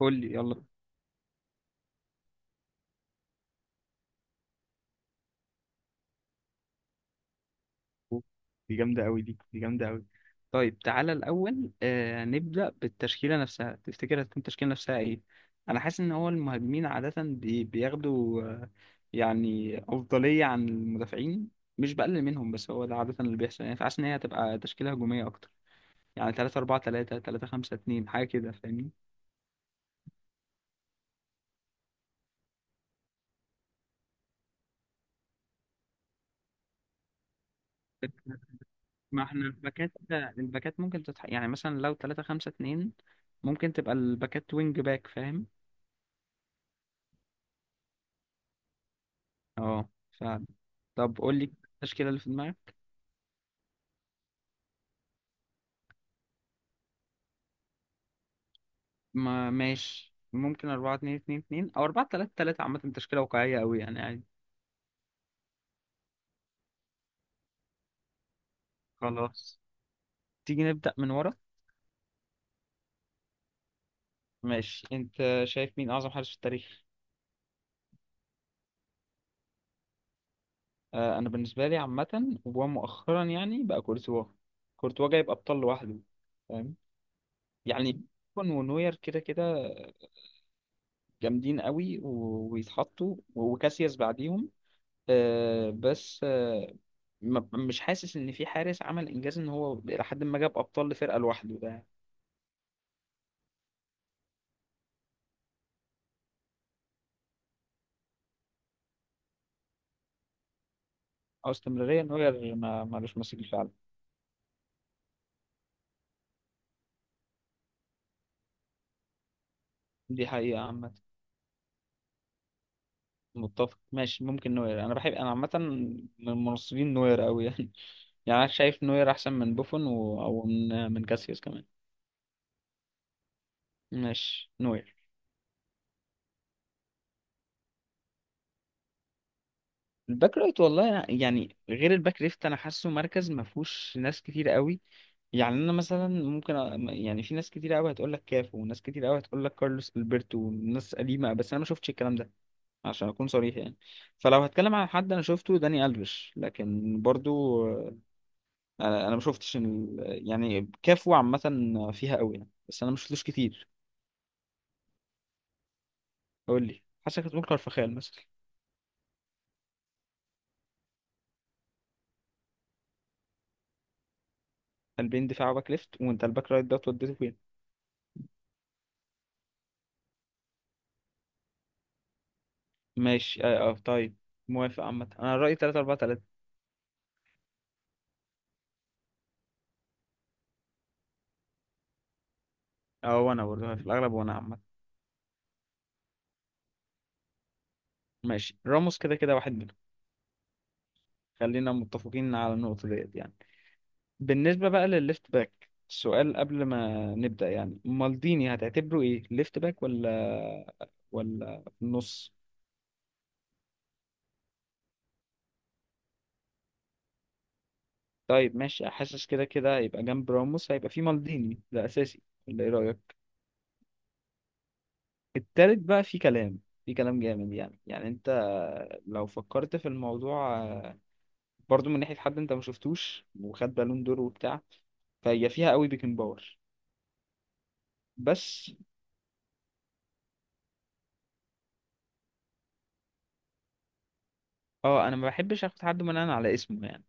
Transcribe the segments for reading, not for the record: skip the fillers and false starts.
قول لي يلا. دي جامدة أوي، دي جامدة أوي. طيب تعالى الأول، نبدأ بالتشكيلة نفسها. تفتكر هتكون التشكيلة نفسها إيه؟ أنا حاسس إن هو المهاجمين عادة بياخدوا يعني أفضلية عن المدافعين، مش بقلل منهم بس هو ده عادة اللي بيحصل يعني، فحاسس إن هي هتبقى تشكيلة هجومية أكتر. يعني 3 4 3، 3 5 2، حاجة كده، فاهمني؟ ما احنا الباكات. الباكات ممكن يعني مثلا لو 3 5 2 ممكن تبقى الباكات وينج باك، فاهم؟ اه. طب قول لي التشكيلة اللي في دماغك. ما ماشي، ممكن 4 2 2 2 او 4 3 3، عامة تشكيلة واقعية قوي يعني عادي. خلاص. تيجي نبدأ من ورا. ماشي انت. شايف مين اعظم حارس في التاريخ؟ آه، انا بالنسبة لي عامة ومؤخرا يعني بقى كورتوا. كورتوا جايب ابطال لوحده، فاهم؟ يعني كون ونوير كده كده جامدين قوي، ويتحطوا وكاسياس بعديهم. آه، بس آه، ما- مش حاسس ان في حارس عمل انجاز ان هو لحد ما جاب ابطال لفرقه لوحده ده. او استمراريه، نوير ما مالوش ماسك فعلا. دي حقيقه عامه. متفق. ماشي، ممكن نوير. انا بحب، انا عامه من مناصرين نوير قوي يعني يعني انا شايف نوير احسن من بوفون او من كاسياس كمان. ماشي نوير. الباك رايت، يعني غير الباك ليفت انا حاسه مركز ما فيهوش ناس كتير قوي. يعني انا مثلا يعني في ناس كتير قوي هتقول لك كافو، وناس كتير قوي هتقول لك كارلوس البرتو وناس قديمه، بس انا ما شفتش الكلام ده عشان اكون صريح يعني. فلو هتكلم عن حد انا شفته داني الفيش، لكن برضو انا ما شفتش ال- يعني كافو عامه فيها قوي يعني، بس انا ما شفتوش كتير. قول لي، حاسسك هتقول كارفخال مثلا. قلبين دفاع وباك ليفت، وانت الباك رايت ده وديته فين؟ ماشي طيب. موافق عامه، انا رايي 3 4 3. اه وانا برضه في الاغلب، وانا عامه. ماشي راموس كده كده واحد منهم. خلينا متفقين على النقطة ديت يعني. بالنسبة بقى للليفت باك، السؤال قبل ما نبدأ يعني مالديني هتعتبره ايه، ليفت باك ولا في النص؟ طيب ماشي، حاسس كده كده هيبقى جنب راموس هيبقى في مالديني ده أساسي، ولا ايه رأيك؟ التالت بقى في كلام، في كلام جامد يعني، يعني انت لو فكرت في الموضوع برضو من ناحية حد انت ما شفتوش وخد بالون دور وبتاع، فهي فيها قوي بيكن باور بس. اه، انا ما بحبش اخد حد من انا على اسمه يعني.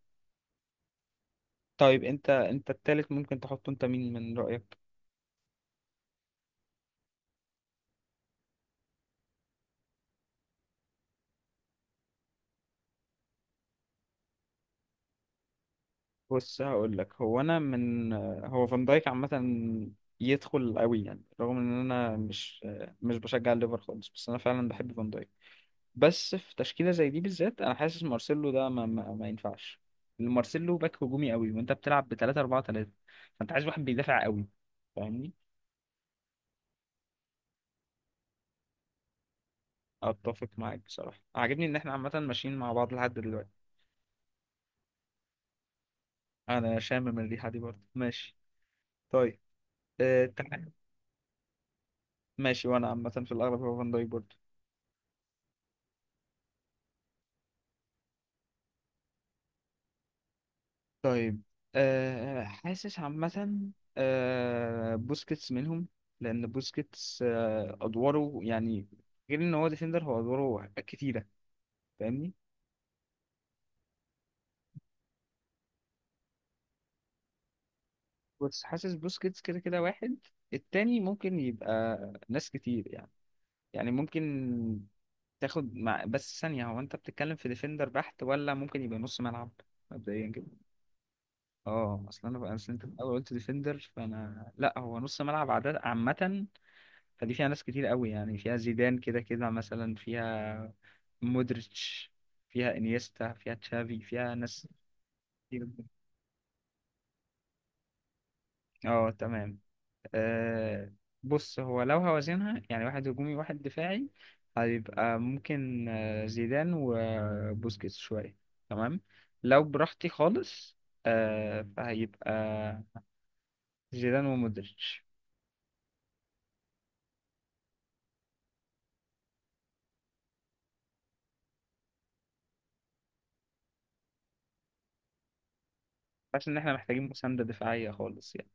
طيب انت، التالت ممكن تحطه انت، مين من رأيك؟ بص هقول لك، هو انا من هو فان دايك عامة يدخل قوي يعني، رغم ان انا مش بشجع الليفر خالص، بس انا فعلا بحب فان دايك. بس في تشكيلة زي دي بالذات انا حاسس مارسيلو ده ما ينفعش. مارسيلو باك هجومي قوي، وانت بتلعب ب 3 4 3، فانت عايز واحد بيدافع قوي، فاهمني؟ اتفق معاك بصراحة، عاجبني ان احنا عامة ماشيين مع بعض لحد دلوقتي. انا شامم الريحة دي برضه، ماشي. طيب أه، ماشي، وانا عامة في الاغلب هو فان دايك برضه. طيب حاسس عامة بوسكيتس منهم، لان بوسكيتس ادواره يعني غير ان هو ديفندر، هو ادواره كتيرة، فاهمني؟ بس حاسس بوسكيتس كده كده واحد، التاني ممكن يبقى ناس كتير يعني، يعني ممكن تاخد مع، بس ثانية، هو انت بتتكلم في ديفندر بحت ولا ممكن يبقى نص ملعب، مبدئيا كده؟ اه، اصل انا بقى اصل انت الاول قلت ديفندر فانا لا، هو نص ملعب عدد عامة. فدي فيها ناس كتير قوي يعني، فيها زيدان كده كده مثلا، فيها مودريتش، فيها انيستا، فيها تشافي، فيها ناس كتير جدا. اه تمام. آه بص، هو لو هوازنها يعني واحد هجومي واحد دفاعي، هيبقى ممكن زيدان وبوسكيتس شوية. تمام. لو براحتي خالص، فهيبقى زيدان ومودريتش. حاسس ان احنا محتاجين مساندة دفاعية خالص يعني.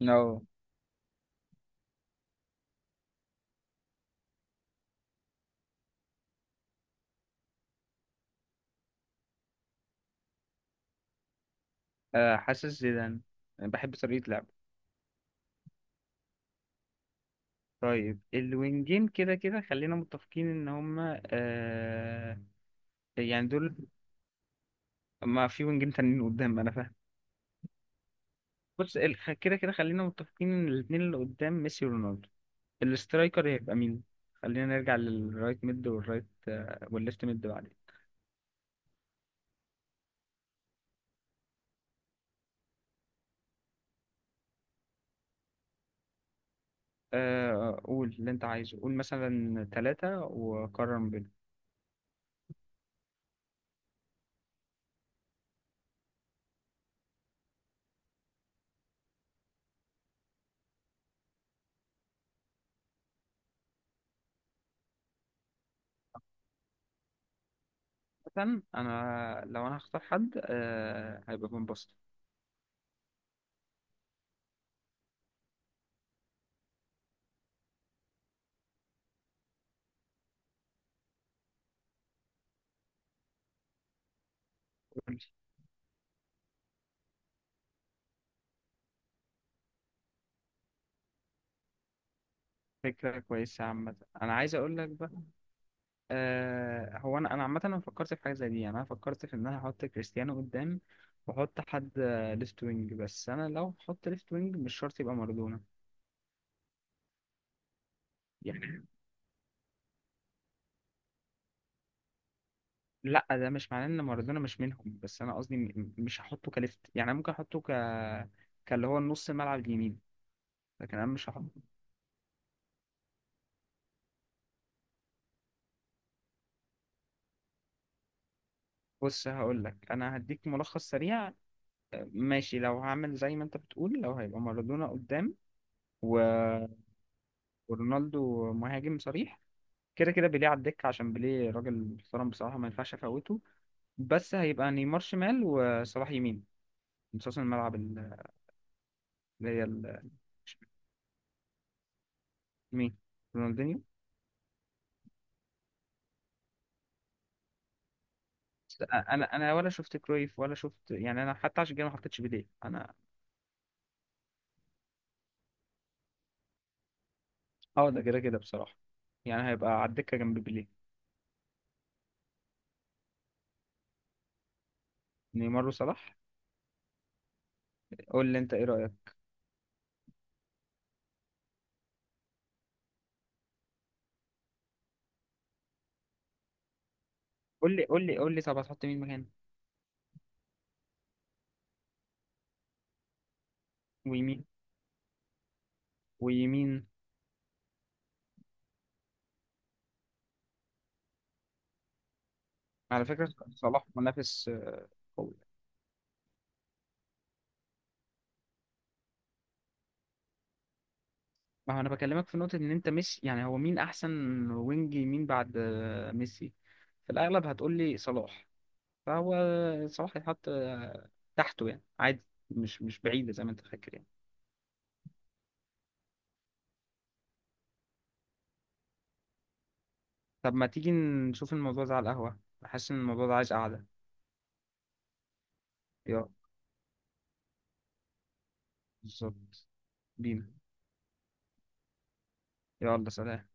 No. حاسس زيدان، بحب طريقة لعبه. طيب الوينجين كده كده خلينا متفقين ان هما يعني دول. ما في وينجين تانيين قدام، انا فاهم. بص، كده كده خلينا متفقين ان الاتنين اللي قدام ميسي ورونالدو، الاسترايكر هيبقى مين؟ خلينا نرجع للرايت ميد والرايت والليفت ميد بعدين. قول اللي انت عايزه، قول مثلا ثلاثة وقرر ما بينهم. مثلا انا لو هختار حد هيبقى فان باستن. قول لي. فكرة كويسة عامة، انا عايز اقول لك. هو انا عامه، انا فكرت في حاجه زي دي يعني، انا فكرت في ان انا احط كريستيانو قدام، واحط حد ليفت وينج، بس انا لو احط ليفت وينج مش شرط يبقى مارادونا يعني. لا، ده مش معناه ان مارادونا مش منهم، بس انا قصدي مش هحطه كليفت يعني. أنا ممكن احطه ك، كاللي هو النص الملعب اليمين، لكن انا مش هحط. بص هقول لك، انا هديك ملخص سريع. ماشي، لو هعمل زي ما انت بتقول، لو هيبقى مارادونا قدام و... ورونالدو مهاجم صريح، كده كده بيليه على الدكة عشان بيليه راجل محترم بصراحة ما ينفعش افوته، بس هيبقى نيمار شمال وصلاح يمين نصاص الملعب اللي هي ال- مين؟ رونالدينيو؟ بس انا، ولا شفت كرويف ولا شفت يعني، انا حتى عشان كده ما حطيتش بيليه انا. اه، ده كده كده بصراحة، يعني هيبقى على الدكة جنب بيليه. نيمار وصلاح. قول لي انت ايه رأيك. قول لي، طب هتحط مين مكان؟ ويمين؟ ويمين. على فكرة صلاح منافس قوي. ما هو انا بكلمك في نقطة ان انت، مش يعني هو مين احسن وينج يمين بعد ميسي؟ في الاغلب هتقول لي صلاح. فهو صلاح يتحط تحته يعني عادي، مش بعيدة زي ما انت فاكر يعني. طب ما تيجي نشوف الموضوع ده على القهوة، بحس ان الموضوع ده عايز قعدة. يلا. بالظبط. بينا. يلا. سلام.